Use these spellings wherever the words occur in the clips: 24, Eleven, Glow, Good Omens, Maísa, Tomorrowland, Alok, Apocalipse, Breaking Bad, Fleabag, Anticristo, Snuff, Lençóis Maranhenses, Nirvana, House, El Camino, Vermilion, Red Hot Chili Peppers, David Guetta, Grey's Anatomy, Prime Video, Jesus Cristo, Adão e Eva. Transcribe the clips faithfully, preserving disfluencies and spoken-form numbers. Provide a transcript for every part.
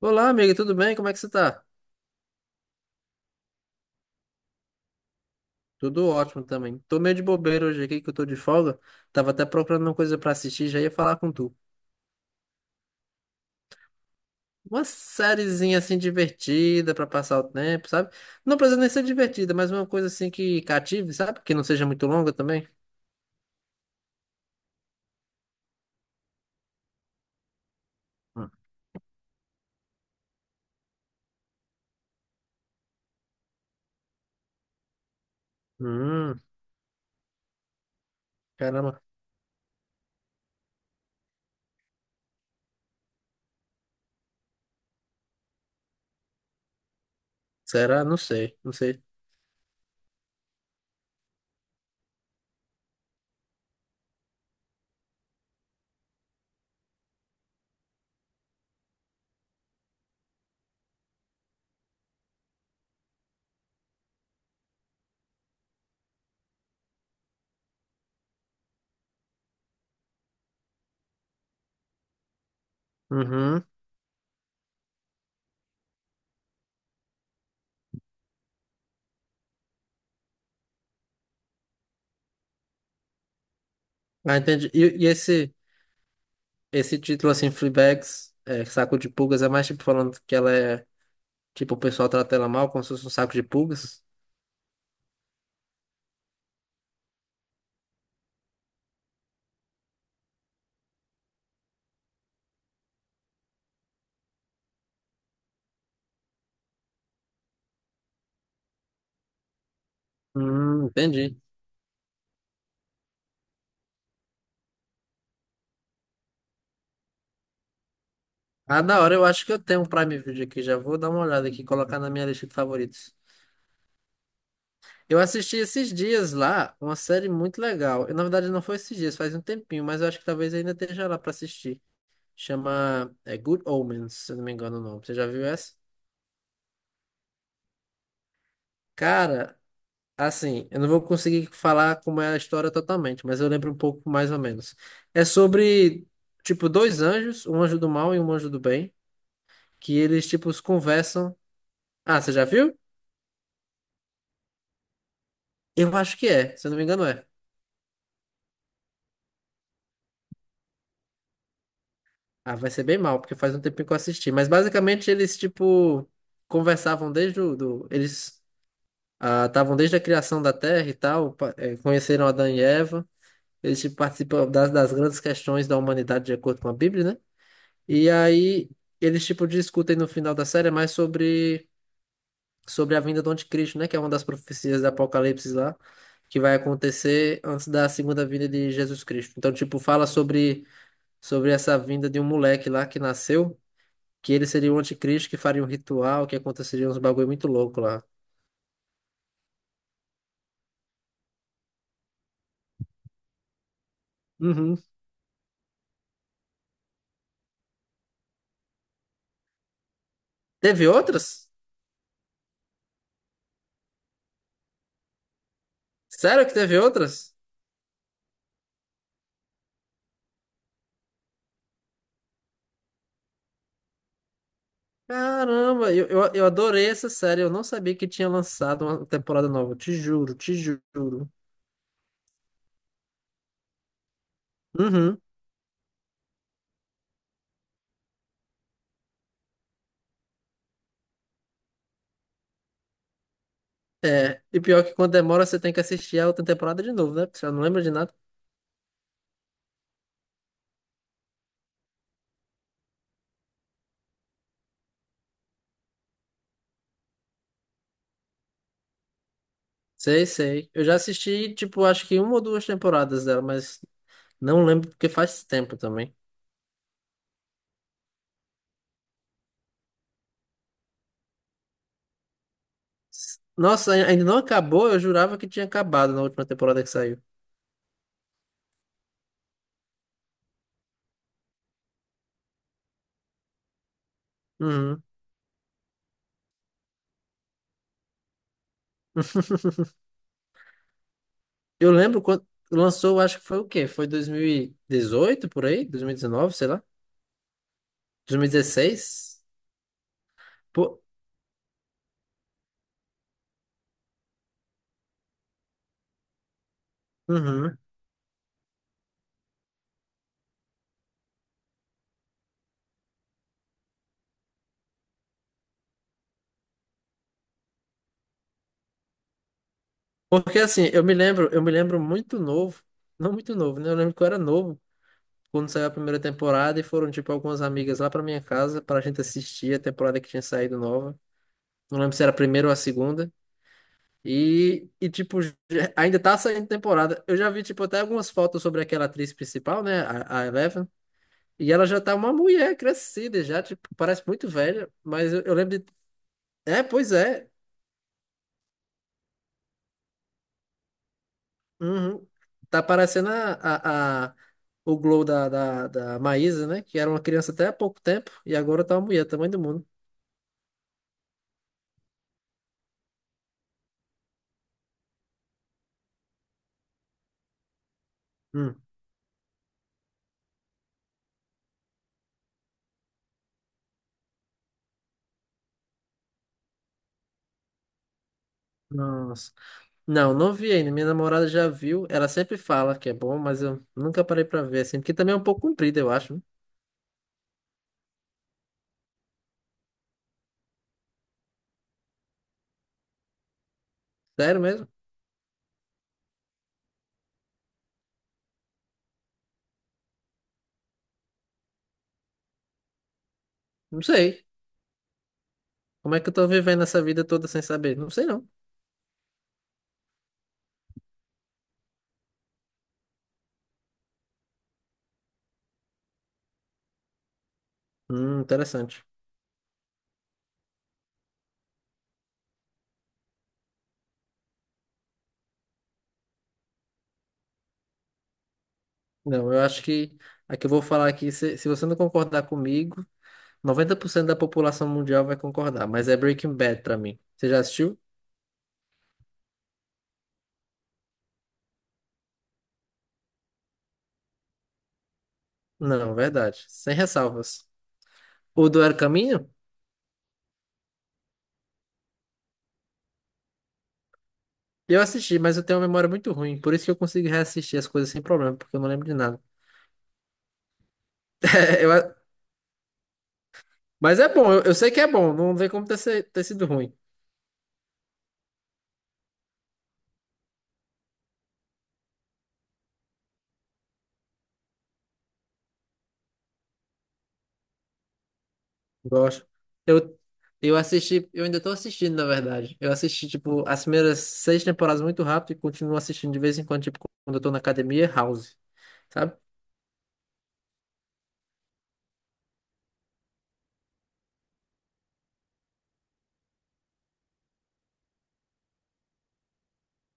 Olá, amiga, tudo bem? Como é que você tá? Tudo ótimo também. Tô meio de bobeira hoje aqui, que eu tô de folga. Tava até procurando uma coisa pra assistir, já ia falar com tu. Uma sériezinha assim divertida pra passar o tempo, sabe? Não precisa nem ser divertida, mas uma coisa assim que cative, sabe? Que não seja muito longa também. Hum, Hum, caramba. Será? Não sei, não sei. Uhum. Ah, entendi. E, e esse, esse título assim, Fleabags, é, Saco de Pulgas, é mais tipo falando que ela é... Tipo, o pessoal trata ela mal, como se fosse um saco de pulgas. Hum, entendi. Ah, da hora, eu acho que eu tenho um Prime Video aqui, já vou dar uma olhada aqui, colocar na minha lista de favoritos. Eu assisti esses dias lá uma série muito legal. Eu, na verdade, não foi esses dias, faz um tempinho, mas eu acho que talvez ainda esteja lá pra assistir. Chama, é, Good Omens, se eu não me engano o nome. Você já viu essa? Cara, assim, eu não vou conseguir falar como é a história totalmente, mas eu lembro um pouco mais ou menos. É sobre, tipo, dois anjos, um anjo do mal e um anjo do bem, que eles, tipo, conversam. Ah, você já viu? Eu acho que é, se eu não me engano é. Ah, vai ser bem mal, porque faz um tempinho que eu assisti. Mas basicamente eles, tipo, conversavam desde o... Do, eles ah, estavam desde a criação da Terra e tal, pa- eh, conheceram Adão e Eva. Eles, tipo, participam das, das grandes questões da humanidade de acordo com a Bíblia, né? E aí eles, tipo, discutem no final da série mais sobre, sobre a vinda do Anticristo, né? Que é uma das profecias do Apocalipse lá, que vai acontecer antes da segunda vinda de Jesus Cristo. Então, tipo, fala sobre sobre essa vinda de um moleque lá que nasceu, que ele seria o anticristo, que faria um ritual, que aconteceria uns bagulho muito louco lá. Uhum. Teve outras? Sério que teve outras? Caramba, eu, eu, eu adorei essa série. Eu não sabia que tinha lançado uma temporada nova. Te juro, te juro. Uhum. É, e pior que quando demora você tem que assistir a outra temporada de novo, né? Porque você não lembra de nada. Sei, sei. Eu já assisti, tipo, acho que uma ou duas temporadas dela, mas não lembro porque faz tempo também. Nossa, ainda não acabou? Eu jurava que tinha acabado na última temporada que saiu. Uhum. Eu lembro quando lançou, acho que foi o quê? Foi dois mil e dezoito por aí? dois mil e dezenove, sei lá. dois mil e dezesseis? Pô, uhum. Porque assim, eu me lembro, eu me lembro muito novo. Não muito novo, né? Eu lembro que eu era novo quando saiu a primeira temporada e foram, tipo, algumas amigas lá pra minha casa pra gente assistir a temporada que tinha saído nova. Não lembro se era a primeira ou a segunda. E, e tipo, já- ainda tá saindo temporada. Eu já vi, tipo, até algumas fotos sobre aquela atriz principal, né? A, a Eleven. E ela já tá uma mulher crescida, já, tipo, parece muito velha. Mas eu, eu lembro de. É, pois é. Uhum. Tá parecendo a, a, a- o Glow da, da, da Maísa, né? Que era uma criança até há pouco tempo. E agora tá uma mulher, tamanho do mundo. Hum. Nossa. Não, não vi ainda. Minha namorada já viu. Ela sempre fala que é bom, mas eu nunca parei pra ver, assim. Porque também é um pouco comprido, eu acho, né? Sério mesmo? Não sei. Como é que eu tô vivendo essa vida toda sem saber? Não sei, não. Hum, interessante. Não, eu acho que a que eu vou falar aqui, se, se você não concordar comigo, noventa por cento da população mundial vai concordar, mas é Breaking Bad pra mim. Você já assistiu? Não, verdade. Sem ressalvas. O do El Caminho? Eu assisti, mas eu tenho uma memória muito ruim, por isso que eu consigo reassistir as coisas sem problema, porque eu não lembro de nada. Eu a- mas é bom, eu, eu sei que é bom, não tem como ter, se- ter sido ruim. Gosto. Eu, eu assisti, eu ainda tô assistindo, na verdade. Eu assisti, tipo, as primeiras seis temporadas muito rápido e continuo assistindo de vez em quando, tipo, quando eu tô na academia, House, sabe?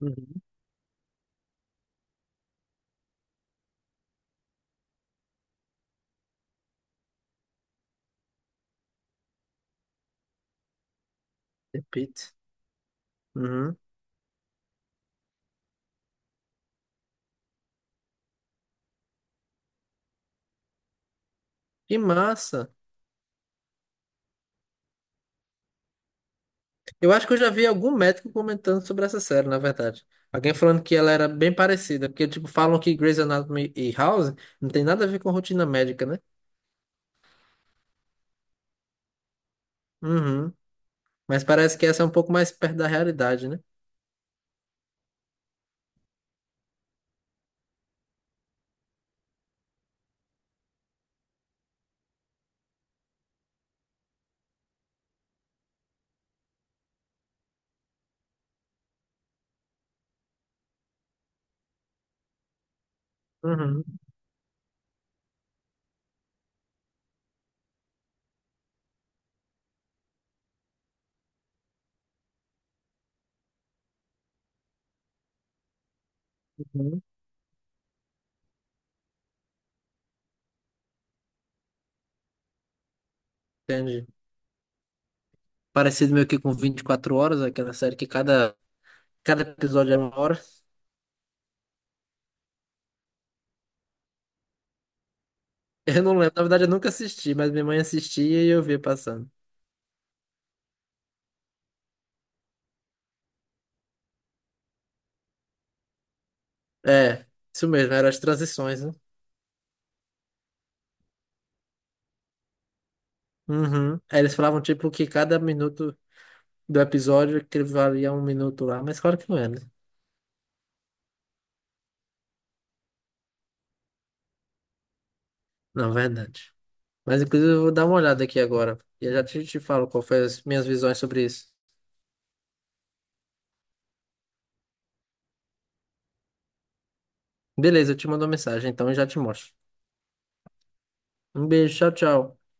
Uhum. Repito. Uhum. Que massa! Eu acho que eu já vi algum médico comentando sobre essa série, na verdade. Alguém falando que ela era bem parecida, porque, tipo, falam que Grey's Anatomy e House não tem nada a ver com rotina médica, né? Uhum. Mas parece que essa é um pouco mais perto da realidade, né? Uhum. Uhum. Entendi. Parecido meio que com vinte e quatro horas, aquela série que cada, cada episódio era uma hora. Eu não lembro, na verdade eu nunca assisti, mas minha mãe assistia e eu via passando. É, isso mesmo, eram as transições, né? Uhum. Aí eles falavam tipo que cada minuto do episódio que ele valia um minuto lá, mas claro que não é, né? Não, é verdade. Mas inclusive eu vou dar uma olhada aqui agora. E eu já te, te falo qual foi as minhas visões sobre isso. Beleza, eu te mando uma mensagem, então eu já te mostro. Um beijo, tchau, tchau.